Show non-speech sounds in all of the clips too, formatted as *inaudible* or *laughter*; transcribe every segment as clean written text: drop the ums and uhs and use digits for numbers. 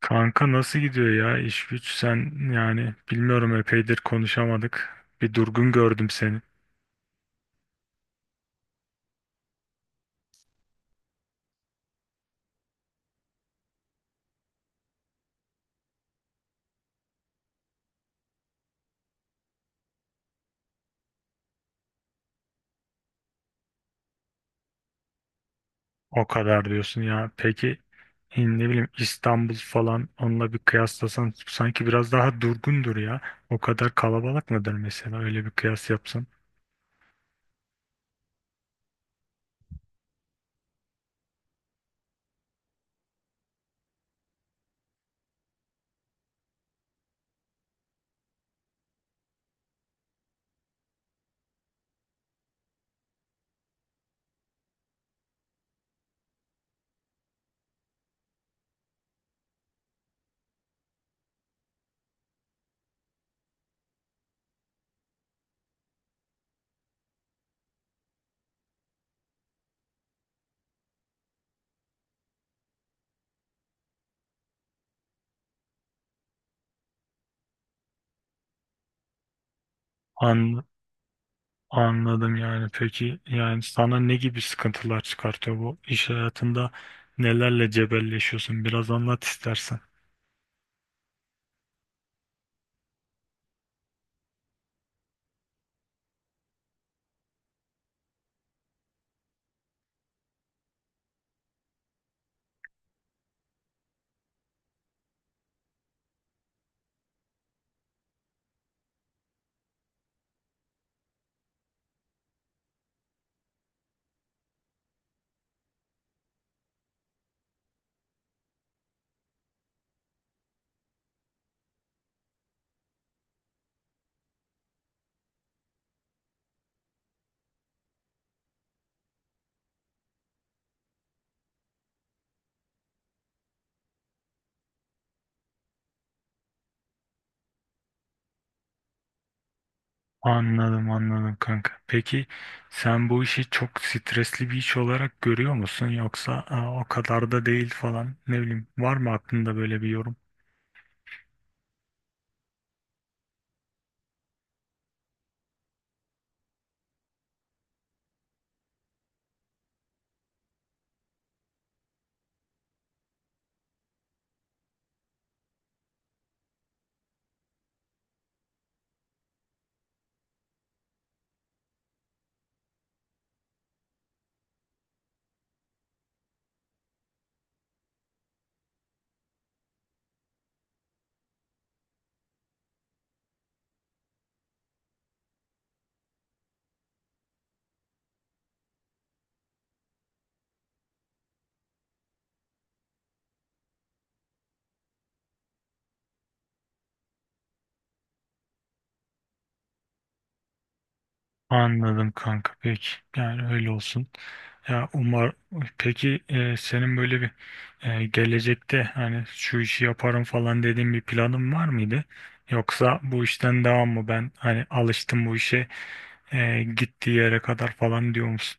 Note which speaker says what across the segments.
Speaker 1: Kanka, nasıl gidiyor ya iş güç? Sen yani bilmiyorum epeydir konuşamadık. Bir durgun gördüm seni. O kadar diyorsun ya. Peki ne bileyim İstanbul falan, onunla bir kıyaslasan sanki biraz daha durgundur ya. O kadar kalabalık mıdır mesela, öyle bir kıyas yapsan? An Anladım yani. Peki yani sana ne gibi sıkıntılar çıkartıyor bu iş hayatında? Nelerle cebelleşiyorsun? Biraz anlat istersen. Anladım anladım kanka. Peki sen bu işi çok stresli bir iş olarak görüyor musun, yoksa "Aa, o kadar da değil" falan, ne bileyim, var mı aklında böyle bir yorum? Anladım kanka, peki yani öyle olsun. Ya umar Peki senin böyle bir gelecekte hani şu işi yaparım falan dediğin bir planın var mıydı? Yoksa bu işten devam mı, ben hani alıştım bu işe gittiği yere kadar falan diyor musun?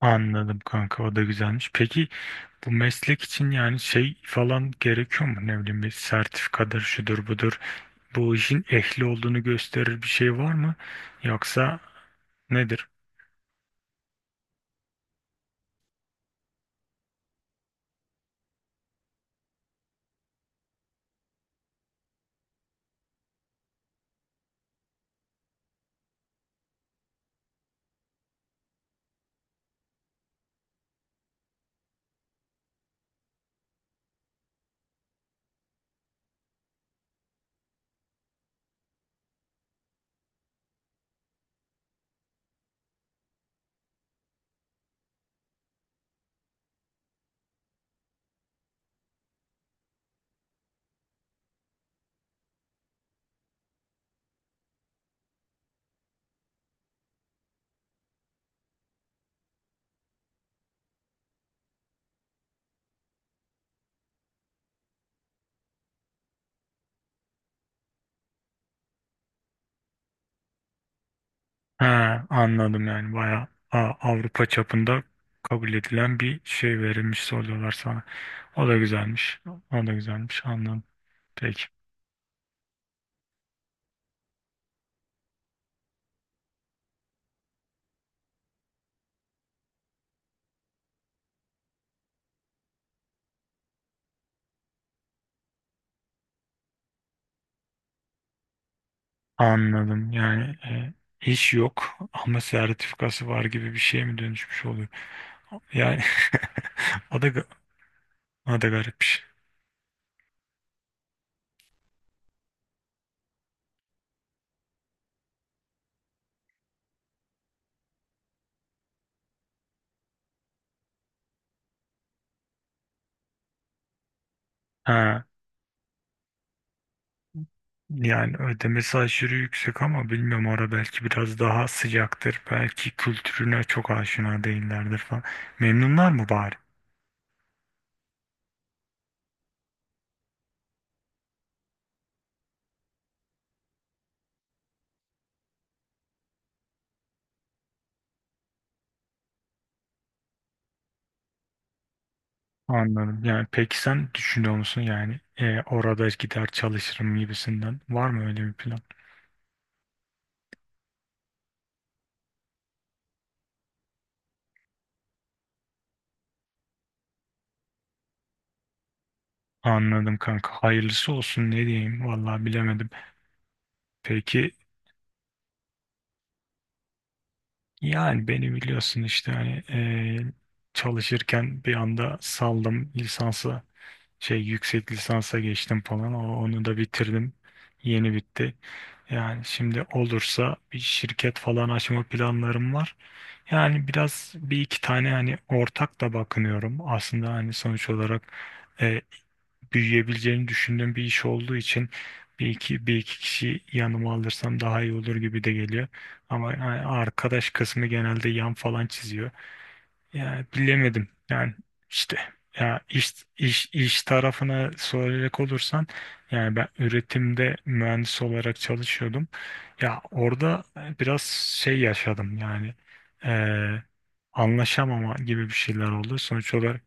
Speaker 1: Anladım kanka, o da güzelmiş. Peki bu meslek için yani şey falan gerekiyor mu? Ne bileyim, bir sertifikadır şudur budur. Bu işin ehli olduğunu gösterir bir şey var mı? Yoksa nedir? Ha, anladım, yani bayağı Avrupa çapında kabul edilen bir şey verilmiş, soruyorlar sana. O da güzelmiş. O da güzelmiş. Anladım. Peki. Anladım. Yani iş yok ama sertifikası var gibi bir şeye mi dönüşmüş oluyor? Yani *laughs* o da ga- o da garipmiş. Ha, yani ödemesi aşırı yüksek, ama bilmiyorum, orada belki biraz daha sıcaktır. Belki kültürüne çok aşina değillerdir falan. Memnunlar mı bari? Anladım. Yani peki sen düşünüyor musun, yani orada gider çalışırım gibisinden, var mı öyle bir plan? Anladım kanka. Hayırlısı olsun, ne diyeyim vallahi, bilemedim. Peki yani beni biliyorsun işte, hani çalışırken bir anda saldım lisansı. Şey, yüksek lisansa geçtim falan. Onu da bitirdim. Yeni bitti. Yani şimdi olursa bir şirket falan açma planlarım var. Yani biraz bir iki tane hani ortak da bakınıyorum. Aslında hani sonuç olarak e, büyüyebileceğini düşündüğüm bir iş olduğu için bir iki kişi yanıma alırsam daha iyi olur gibi de geliyor. Ama yani arkadaş kısmı genelde yan falan çiziyor. Ya bilemedim. Yani işte, ya iş tarafına soracak olursan yani ben üretimde mühendis olarak çalışıyordum. Ya orada biraz şey yaşadım yani, eee anlaşamama gibi bir şeyler oldu. Sonuç olarak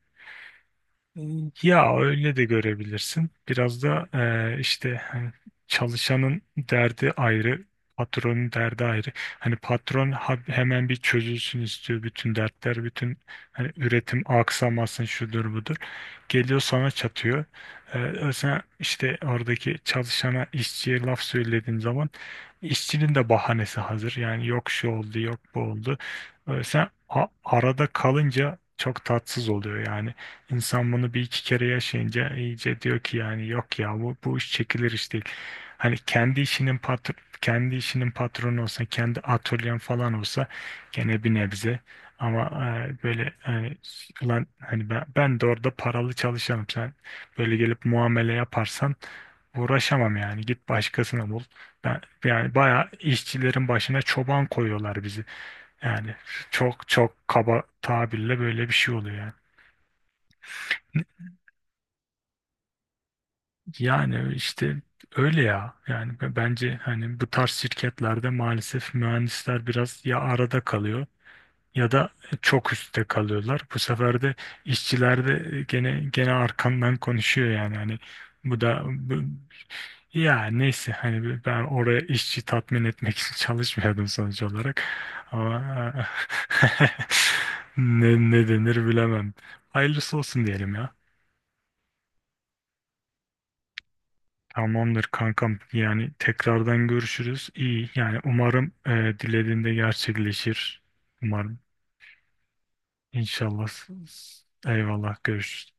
Speaker 1: ya öyle de görebilirsin. Biraz da işte hani çalışanın derdi ayrı, patronun derdi ayrı. Hani patron hemen bir çözülsün istiyor bütün dertler, bütün hani üretim aksamasın şudur budur. Geliyor sana çatıyor. Sen işte oradaki çalışana, işçiye laf söylediğin zaman işçinin de bahanesi hazır. Yani yok şu oldu, yok bu oldu. Sen arada kalınca çok tatsız oluyor yani. İnsan bunu bir iki kere yaşayınca iyice diyor ki, yani yok ya, bu iş çekilir iş değil. Hani kendi işinin patr Kendi işinin patronu olsa, kendi atölyen falan olsa gene bir nebze. Ama böyle hani, ulan hani ben de orada paralı çalışanım. Sen böyle gelip muamele yaparsan uğraşamam yani. Git başkasını bul. Yani bayağı işçilerin başına çoban koyuyorlar bizi. Yani çok çok kaba tabirle böyle bir şey oluyor yani. Yani işte öyle ya. Yani bence hani bu tarz şirketlerde maalesef mühendisler biraz ya arada kalıyor, ya da çok üstte kalıyorlar. Bu sefer de işçiler de gene arkandan konuşuyor yani hani bu da bu, ya neyse hani ben oraya işçi tatmin etmek için *laughs* çalışmıyordum sonuç olarak. Ama *laughs* ne denir bilemem. Hayırlısı olsun diyelim ya. Tamamdır kankam. Yani tekrardan görüşürüz. İyi. Yani umarım dilediğinde gerçekleşir. Umarım. İnşallah. Eyvallah. Görüşürüz.